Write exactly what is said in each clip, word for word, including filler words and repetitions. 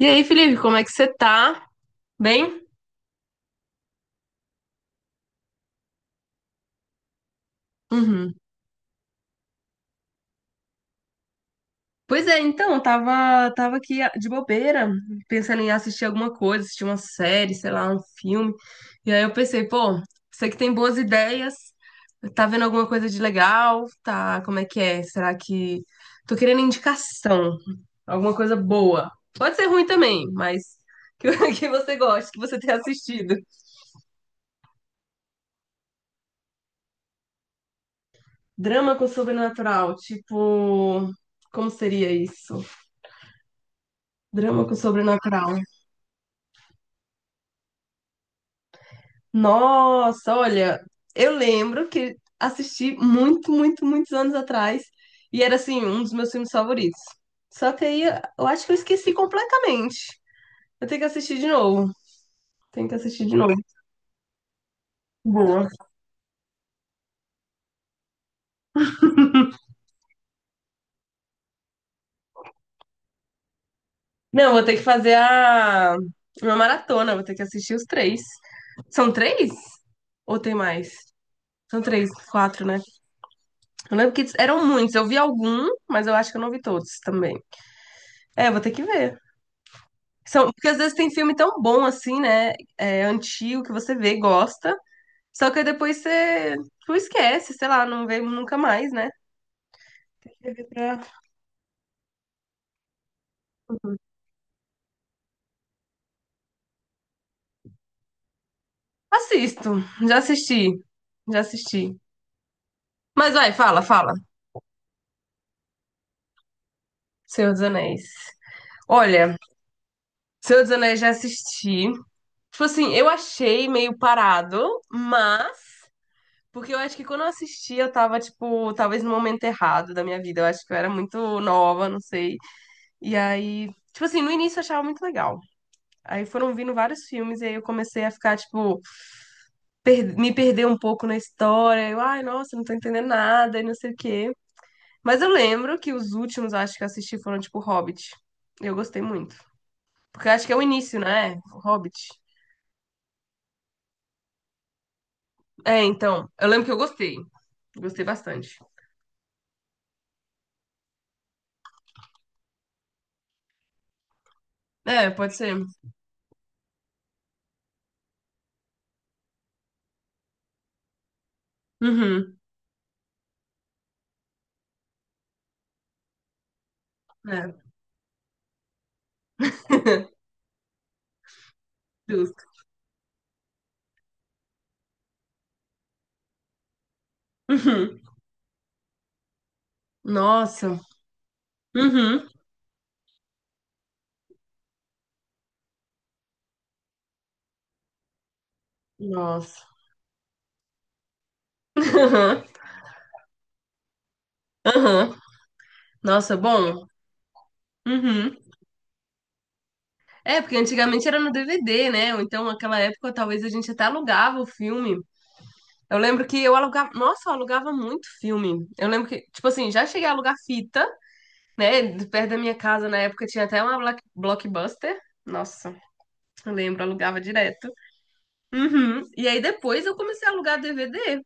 E aí, Felipe, como é que você tá? Bem? Uhum. Pois é, então, tava, tava aqui de bobeira, pensando em assistir alguma coisa, assistir uma série, sei lá, um filme. E aí eu pensei, pô, você que tem boas ideias, tá vendo alguma coisa de legal? Tá, como é que é? Será que. Tô querendo indicação, alguma coisa boa. Pode ser ruim também, mas que, que você goste, que você tenha assistido. Drama com sobrenatural, tipo, como seria isso? Drama com sobrenatural. Nossa, olha, eu lembro que assisti muito, muito, muitos anos atrás e era assim, um dos meus filmes favoritos. Só que aí eu acho que eu esqueci completamente. Eu tenho que assistir de novo. Tenho que assistir de novo. Boa. Não, vou ter que fazer a uma maratona, vou ter que assistir os três. São três? Ou tem mais? São três, quatro, né? Eu lembro que eram muitos. Eu vi algum, mas eu acho que eu não vi todos também. É, vou ter que ver. São, porque às vezes tem filme tão bom assim, né? É, antigo, que você vê, gosta. Só que aí depois você tu esquece, sei lá, não vê nunca mais, né? Tem que ver pra- Assisto, já assisti, já assisti. Mas vai, fala, fala. Senhor dos Anéis. Olha, Senhor dos Anéis já assisti. Tipo assim, eu achei meio parado, mas. Porque eu acho que quando eu assisti, eu tava, tipo, talvez no momento errado da minha vida. Eu acho que eu era muito nova, não sei. E aí, tipo assim, no início eu achava muito legal. Aí foram vindo vários filmes, e aí eu comecei a ficar, tipo, per- me perder um pouco na história. Eu, ai, nossa, não tô entendendo nada e não sei o quê. Mas eu lembro que os últimos, acho que eu assisti, foram, tipo, Hobbit. Eu gostei muito. Porque eu acho que é o início, né? Hobbit. É, então. Eu lembro que eu gostei. Gostei bastante. É, pode ser. Uhum. É. Justo. Uhum. Nossa. Uhum. Nossa. Uhum. Uhum. Nossa, bom. Uhum. É, porque antigamente era no D V D, né? Ou então, naquela época, talvez a gente até alugava o filme. Eu lembro que eu alugava. Nossa, eu alugava muito filme. Eu lembro que, tipo assim, já cheguei a alugar fita, né? De Perto da minha casa, na época, tinha até uma block- Blockbuster. Nossa, eu lembro, alugava direto. Uhum. E aí depois eu comecei a alugar D V D.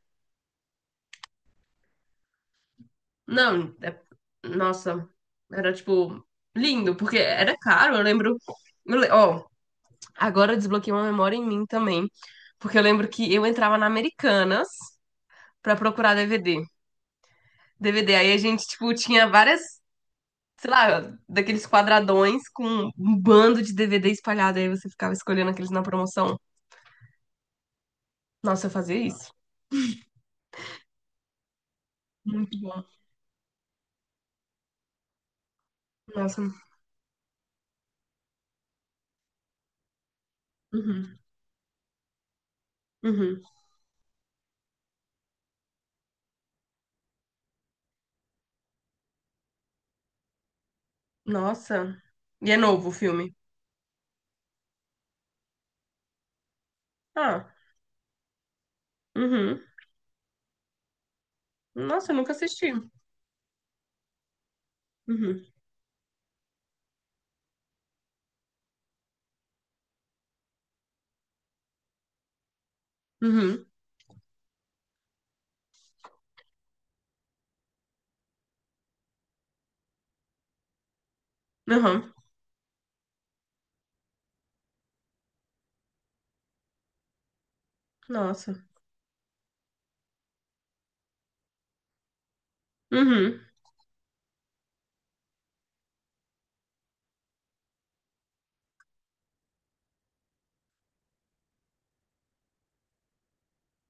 Não, é- nossa, era tipo lindo, porque era caro. Eu lembro. eu le- Ó, agora eu desbloqueei uma memória em mim também, porque eu lembro que eu entrava na Americanas pra procurar D V D. D V D, aí a gente, tipo, tinha várias, sei lá, daqueles quadradões com um bando de D V D espalhado, aí você ficava escolhendo aqueles na promoção. Nossa, eu fazia isso. Muito bom. Nossa. Uhum. Uhum. Nossa. E é novo o filme. Ah. Uhum. Nossa, eu nunca assisti. Uhum. Uhum. Uhum. Nossa. Uhum.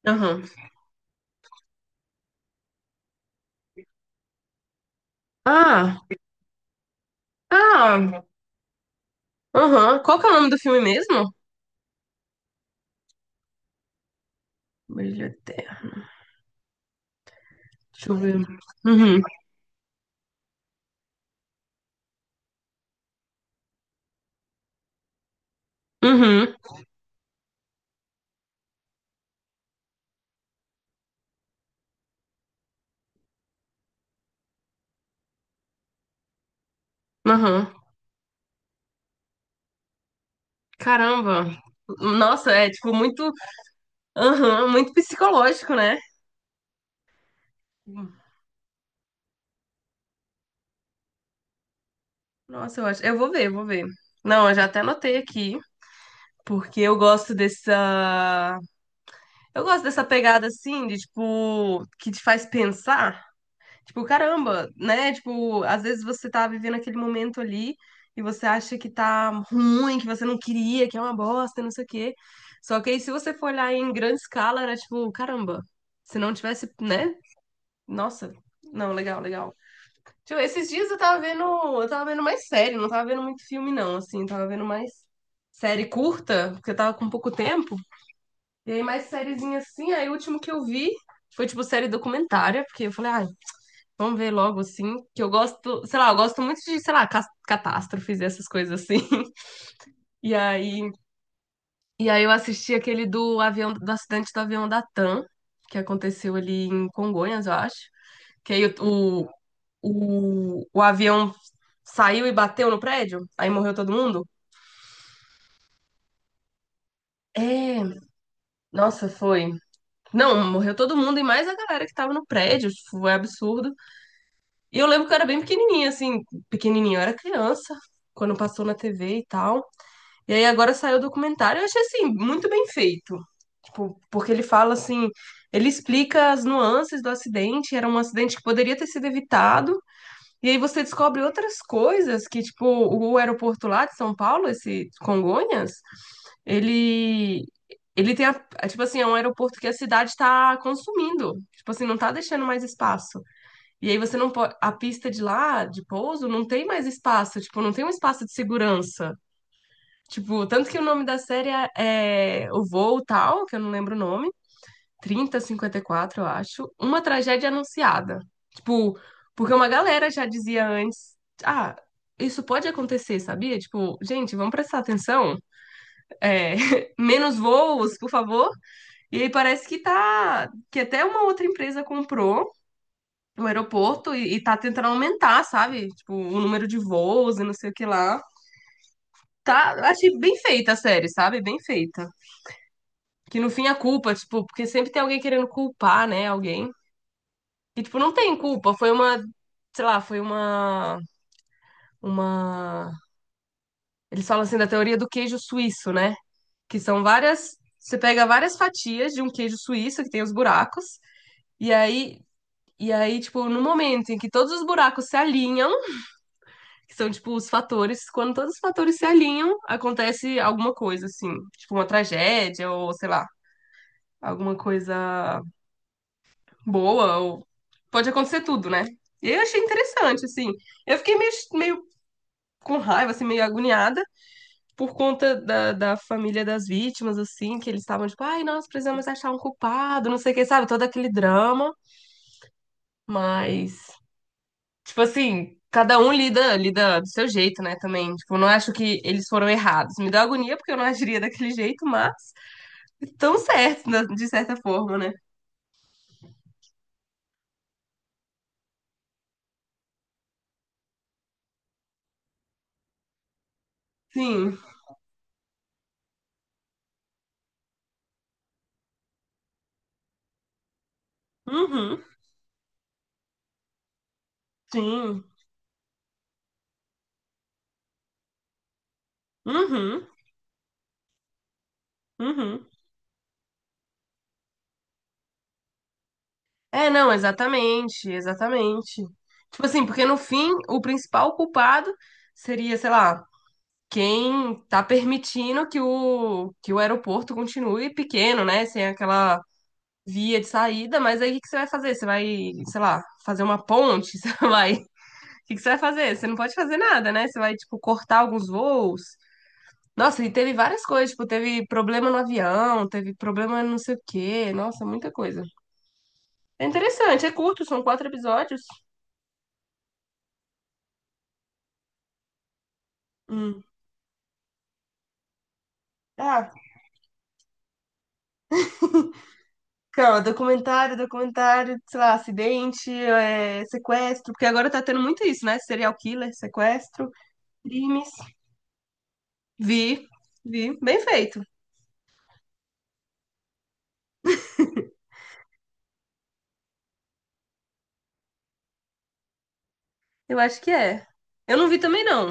Aham. Ah, ah, Aham. Qual que é o nome do filme mesmo? Brilho Eterno. Deixa eu ver. Uhum. Uhum. Aham. Caramba. Nossa, é tipo muito. Aham, muito psicológico, né? Nossa, eu acho. Eu vou ver, eu vou ver. Não, eu já até anotei aqui, porque eu gosto dessa. Eu gosto dessa pegada assim, de tipo, que te faz pensar. Tipo, caramba, né? Tipo, às vezes você tá vivendo aquele momento ali e você acha que tá ruim, que você não queria, que é uma bosta, não sei o quê. Só que aí, se você for olhar em grande escala, era tipo, caramba, se não tivesse, né? Nossa, não, legal, legal. Tipo, esses dias eu tava vendo, eu tava vendo mais série, não tava vendo muito filme, não, assim, eu tava vendo mais série curta, porque eu tava com pouco tempo. E aí, mais sériezinha assim, aí o último que eu vi foi, tipo, série documentária, porque eu falei, ah, vamos ver logo, assim, que eu gosto, sei lá, eu gosto muito de, sei lá, cas- catástrofes e essas coisas assim. E aí, e aí eu assisti aquele do avião, do acidente do avião da TAM, que aconteceu ali em Congonhas, eu acho. Que aí o, o, o avião saiu e bateu no prédio, aí morreu todo mundo. É, nossa, foi. Não, morreu todo mundo e mais a galera que tava no prédio, tipo, foi absurdo. E eu lembro que eu era bem pequenininha, assim, pequenininha, eu era criança, quando passou na T V e tal. E aí agora saiu o documentário, eu achei assim, muito bem feito. Tipo, porque ele fala assim, ele explica as nuances do acidente, era um acidente que poderia ter sido evitado. E aí você descobre outras coisas que, tipo, o aeroporto lá de São Paulo, esse Congonhas, ele ele tem a, a- tipo assim, é um aeroporto que a cidade está consumindo. Tipo assim, não tá deixando mais espaço. E aí você não pode, a pista de lá, de pouso, não tem mais espaço, tipo, não tem um espaço de segurança. Tipo, tanto que o nome da série é é O Voo Tal, que eu não lembro o nome, trinta cinquenta e quatro eu acho, Uma Tragédia Anunciada. Tipo, porque uma galera já dizia antes, ah, isso pode acontecer, sabia? Tipo, gente, vamos prestar atenção, é, menos voos, por favor. E aí parece que tá, que até uma outra empresa comprou o aeroporto e, e tá tentando aumentar, sabe? Tipo, o número de voos e não sei o que lá. Tá, achei bem feita a série, sabe? Bem feita. Que no fim a culpa, tipo, porque sempre tem alguém querendo culpar, né, alguém. E, tipo, não tem culpa, foi uma, sei lá, foi uma, uma. Eles falam assim da teoria do queijo suíço, né? Que são várias, você pega várias fatias de um queijo suíço que tem os buracos, e aí, e aí, tipo, no momento em que todos os buracos se alinham, que são, tipo, os fatores, quando todos os fatores se alinham, acontece alguma coisa, assim, tipo uma tragédia ou, sei lá, alguma coisa boa, ou pode acontecer tudo, né? E eu achei interessante, assim. Eu fiquei meio, meio com raiva, assim, meio agoniada por conta da, da família das vítimas, assim, que eles estavam tipo, ai, nós precisamos achar um culpado, não sei o que, sabe? Todo aquele drama, mas, tipo assim, cada um lida, lida do seu jeito, né, também. Tipo, eu não acho que eles foram errados. Me deu agonia porque eu não agiria daquele jeito, mas estão certos, na- de certa forma, né? Sim. Uhum. Sim. Uhum. Uhum. É, não, exatamente, exatamente. Tipo assim, porque no fim, o principal culpado seria, sei lá, quem tá permitindo que o, que o aeroporto continue pequeno, né? Sem aquela via de saída, mas aí o que que você vai fazer? Você vai, sei lá, fazer uma ponte? Você vai. O que que você vai fazer? Você não pode fazer nada, né? Você vai, tipo, cortar alguns voos. Nossa, e teve várias coisas, tipo, teve problema no avião, teve problema no não sei o quê. Nossa, muita coisa. É interessante, é curto, são quatro episódios. Hum. Ah, calma, documentário, documentário, sei lá, acidente, é, sequestro, porque agora tá tendo muito isso, né? Serial killer, sequestro, crimes. Vi, vi, bem feito. Eu acho que é. Eu não vi também, não.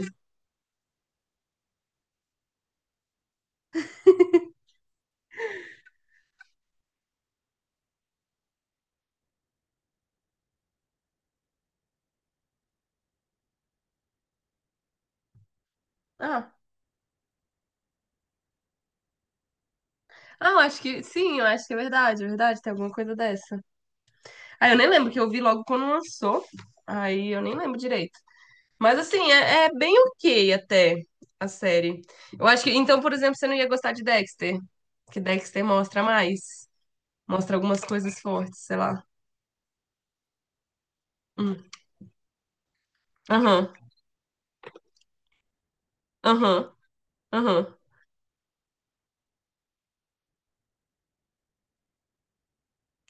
Ah, ah, eu acho que sim, eu acho que é verdade, é verdade, tem alguma coisa dessa. Ah, eu nem lembro que eu vi logo quando lançou, aí eu nem lembro direito. Mas assim, é, é bem ok até a série. Eu acho que, então, por exemplo, você não ia gostar de Dexter, que Dexter mostra mais. Mostra algumas coisas fortes, sei lá. Hum. Aham, aham, aham.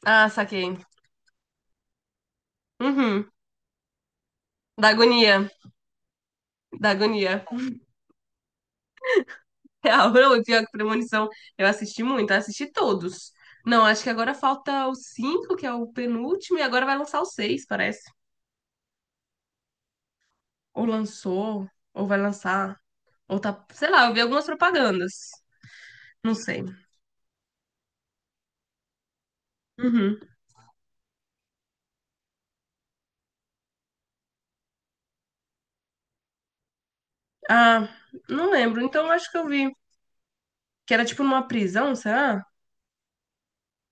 Ah, saquei. Uhum. Da agonia, da agonia. Real, não, e pior que Premonição, eu assisti muito, eu assisti todos. Não, acho que agora falta o cinco, que é o penúltimo, e agora vai lançar o seis, parece. Ou lançou, ou vai lançar, ou tá, sei lá, eu vi algumas propagandas. Não sei. Uhum. Ah, não lembro. Então acho que eu vi que era tipo numa prisão, será?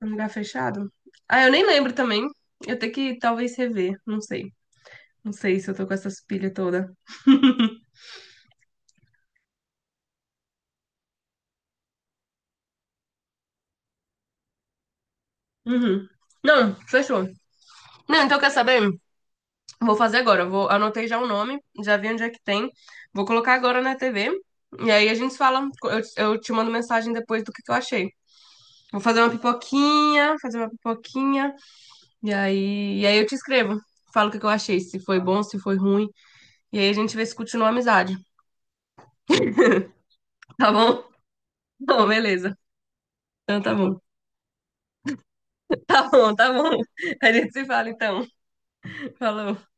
Um lugar fechado? Ah, eu nem lembro também. Eu tenho que talvez rever. Não sei. Não sei se eu tô com essa pilha toda. Uhum. Não, fechou. Não, então quer saber? Vou fazer agora. Eu Vou, anotei já o nome, já vi onde é que tem. Vou colocar agora na T V. E aí a gente fala. Eu, eu te mando mensagem depois do que, que eu achei. Vou fazer uma pipoquinha, fazer uma pipoquinha. E aí, e aí eu te escrevo. Falo o que, que eu achei, se foi bom, se foi ruim. E aí a gente vê se continua a amizade. Tá bom? Não, beleza. Então tá bom. Tá bom, tá bom. A gente se fala então. Falou.